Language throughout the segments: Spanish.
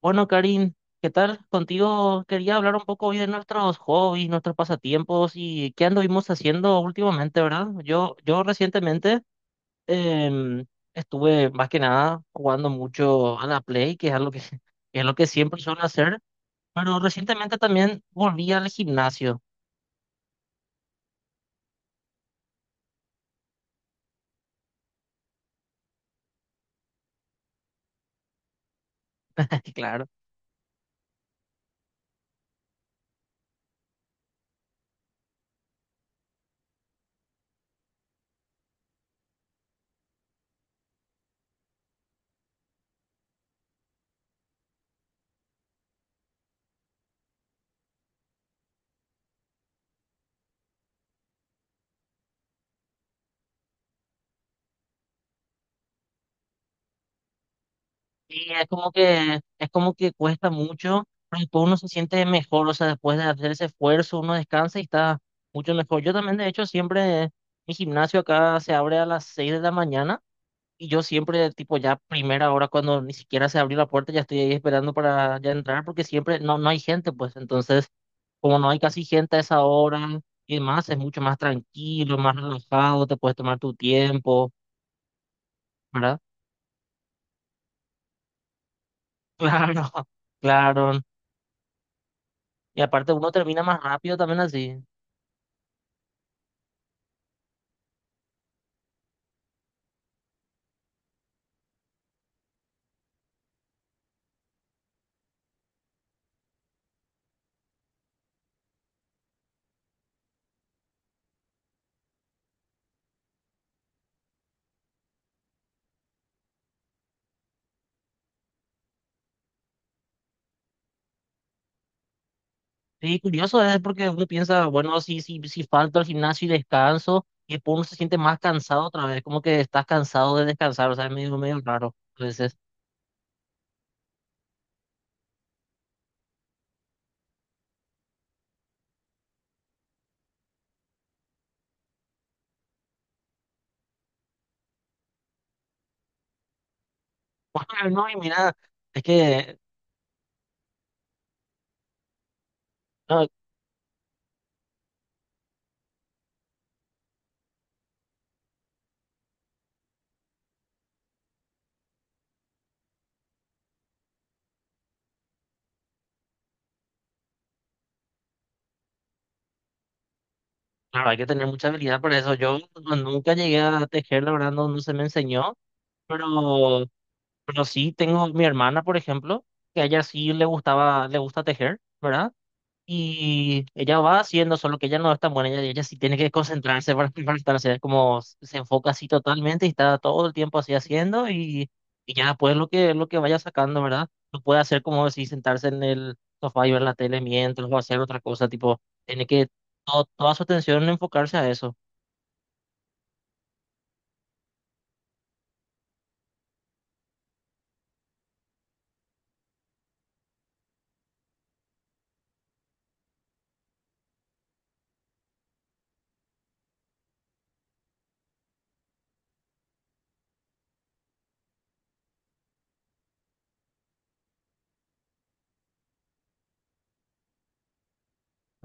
Bueno, Karin, ¿qué tal? Contigo quería hablar un poco hoy de nuestros hobbies, nuestros pasatiempos y qué anduvimos haciendo últimamente, ¿verdad? Yo recientemente em, estuve más que nada jugando mucho a la Play, que es algo que, que es lo que siempre suelo hacer, pero recientemente también volví al gimnasio, claro. Y es como que cuesta mucho, pero después uno se siente mejor, o sea, después de hacer ese esfuerzo, uno descansa y está mucho mejor. Yo también, de hecho, siempre, mi gimnasio acá se abre a las 6 de la mañana y yo siempre, tipo, ya primera hora, cuando ni siquiera se abrió la puerta, ya estoy ahí esperando para ya entrar, porque siempre no hay gente, pues, entonces, como no hay casi gente a esa hora y demás, es mucho más tranquilo, más relajado, te puedes tomar tu tiempo, ¿verdad? Claro. Claro. Y aparte uno termina más rápido también así. Sí, curioso es porque uno piensa, bueno, si falto al gimnasio y descanso, y después uno se siente más cansado otra vez, como que estás cansado de descansar, o sea, es medio raro. Entonces, bueno, no, y mira, es que, no, claro, hay que tener mucha habilidad para eso. Yo no- Nunca llegué a tejer, la verdad, no se me enseñó, pero, pero sí tengo mi hermana, por ejemplo, que a ella sí le gustaba, le gusta tejer, ¿verdad? Y ella va haciendo, solo que ella no es tan buena, ella sí tiene que concentrarse para, para estar, o como se enfoca así totalmente y está todo el tiempo así haciendo y ya después lo que vaya sacando, ¿verdad? No puede hacer como si sentarse en el sofá y ver la tele mientras o hacer otra cosa, tipo, tiene que toda su atención enfocarse a eso.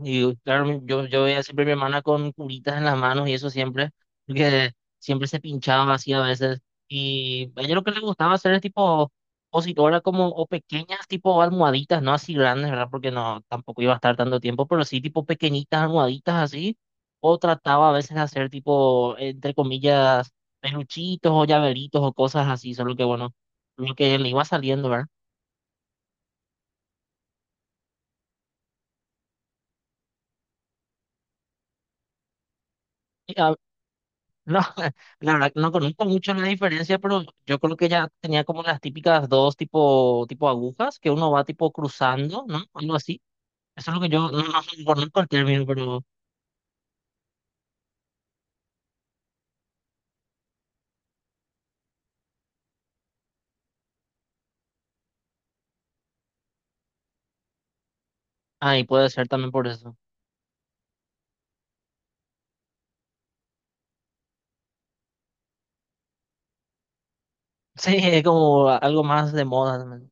Y claro, yo veía siempre a mi hermana con curitas en las manos y eso siempre, porque siempre se pinchaba así a veces. Y a ella lo que le gustaba hacer es tipo positora como, o pequeñas tipo almohaditas, no así grandes, ¿verdad? Porque no, tampoco iba a estar tanto tiempo, pero sí tipo pequeñitas almohaditas así. O trataba a veces de hacer tipo, entre comillas, peluchitos o llaveritos o cosas así, solo que bueno, lo que le iba saliendo, ¿verdad? No, la verdad no conozco mucho la diferencia, pero yo creo que ya tenía como las típicas dos tipo, tipo agujas que uno va tipo cruzando, ¿no? Algo así. Eso es lo que yo no conozco el término, pero ahí puede ser también por eso. Sí, es como algo más de moda también.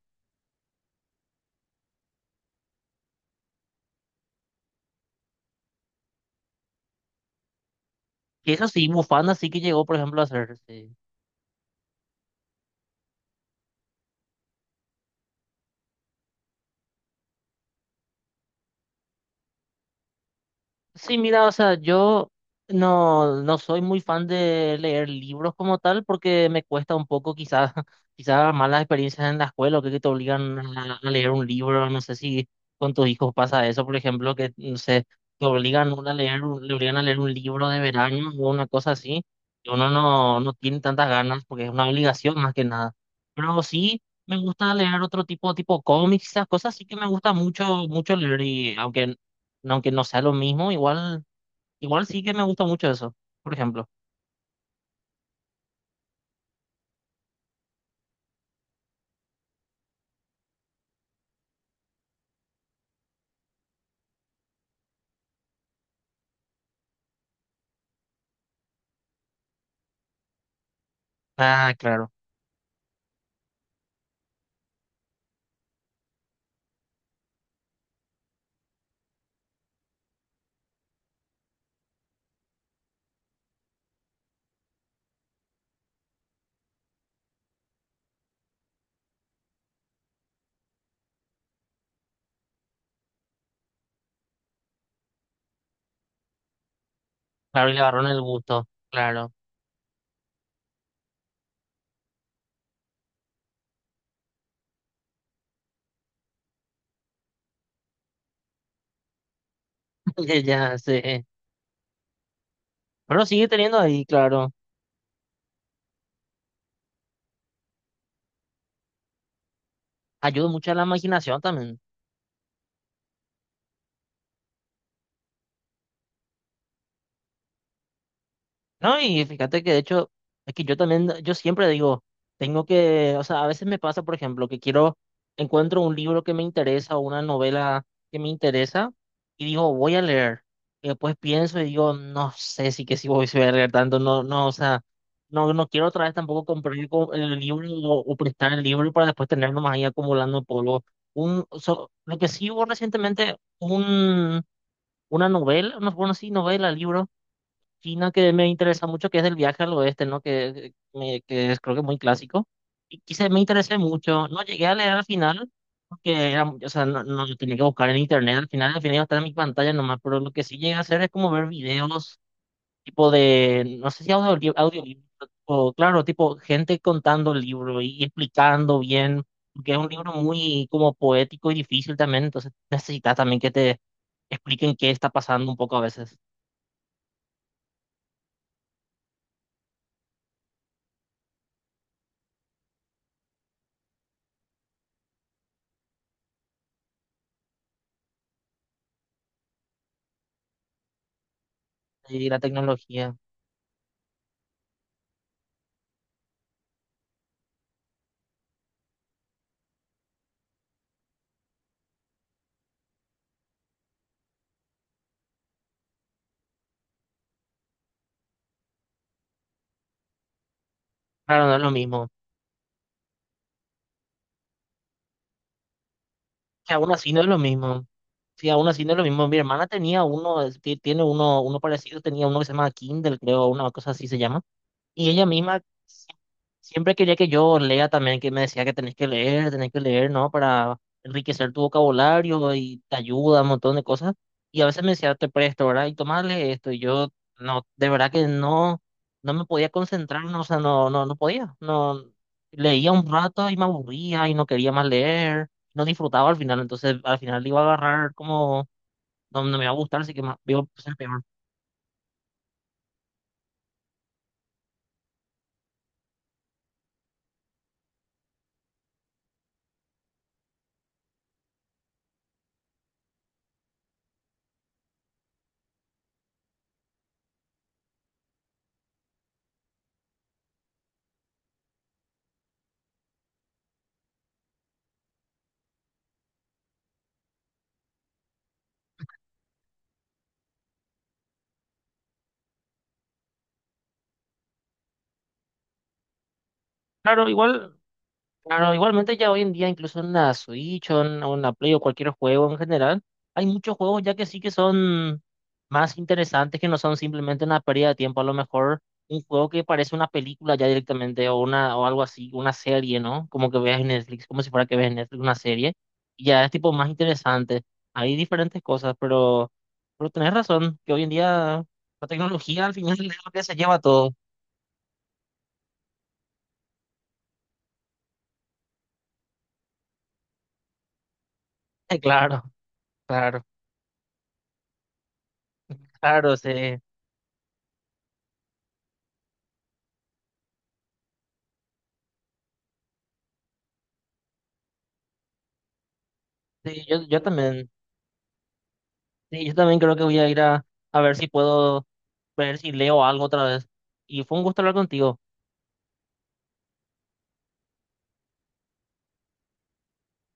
Y eso sí, bufanda sí que llegó, por ejemplo, a hacer. Sí. Sí, mira, o sea, yo no soy muy fan de leer libros como tal porque me cuesta un poco quizás quizás malas experiencias en la escuela o que te obligan a leer un libro, no sé si con tus hijos pasa eso, por ejemplo, que no sé, te obligan a leer, le obligan a leer un libro de verano o una cosa así, y uno no tiene tantas ganas porque es una obligación más que nada. Pero sí me gusta leer otro tipo, tipo cómics, esas cosas sí que me gusta mucho, mucho leer y aunque no sea lo mismo, igual, igual sí que me gusta mucho eso, por ejemplo. Ah, claro, claro, y le agarró el gusto, claro, ya sé. Pero sigue teniendo ahí, claro, ayuda mucho a la imaginación también. No, y fíjate que de hecho, es que yo también, yo siempre digo, tengo que, o sea, a veces me pasa, por ejemplo, que quiero, encuentro un libro que me interesa o una novela que me interesa y digo, voy a leer. Y después pienso y digo, no sé si voy a leer tanto, o sea, no quiero otra vez tampoco comprar el libro o prestar el libro para después tenerlo más ahí acumulando polvo. Lo que sí hubo recientemente, un, una novela, no, bueno, sí, novela, libro China que me interesa mucho, que es del viaje al oeste, ¿no? Que es creo que muy clásico. Y quise, me interesé mucho. No llegué a leer al final, porque era, o sea, no lo tenía que buscar en internet. Al final iba a estar en mi pantalla nomás, pero lo que sí llegué a hacer es como ver videos tipo de, no sé si audiolibro, o claro, tipo gente contando el libro y explicando bien, porque es un libro muy como poético y difícil también, entonces necesitas también que te expliquen qué está pasando un poco a veces. Y la tecnología. Claro, no es lo mismo. Que aún así no es lo mismo. Sí, aún así no es lo mismo. Mi hermana tenía uno, tiene uno, uno parecido, tenía uno que se llama Kindle, creo, una cosa así se llama. Y ella misma siempre quería que yo lea también, que me decía que tenés que leer, ¿no? Para enriquecer tu vocabulario y te ayuda un montón de cosas. Y a veces me decía, te presto, ¿verdad? Y tomarle esto. Y yo, no, de verdad que no, no me podía concentrar, no, o sea, no podía. No, leía un rato y me aburría y no quería más leer. No disfrutaba al final, entonces al final le iba a agarrar como, no me va a gustar, así que más, iba a ser peor. Claro, igual. Claro, igualmente ya hoy en día, incluso en la Switch o en una Play o cualquier juego en general, hay muchos juegos ya que sí que son más interesantes, que no son simplemente una pérdida de tiempo. A lo mejor un juego que parece una película ya directamente o una o algo así, una serie, ¿no? Como que veas en Netflix, como si fuera que veas en Netflix una serie. Y ya es tipo más interesante. Hay diferentes cosas, pero tenés razón, que hoy en día la tecnología al final es lo que se lleva todo. Claro, claro, claro, sí. Yo también. Sí, yo también creo que voy a ir a ver si puedo ver si leo algo otra vez. Y fue un gusto hablar contigo.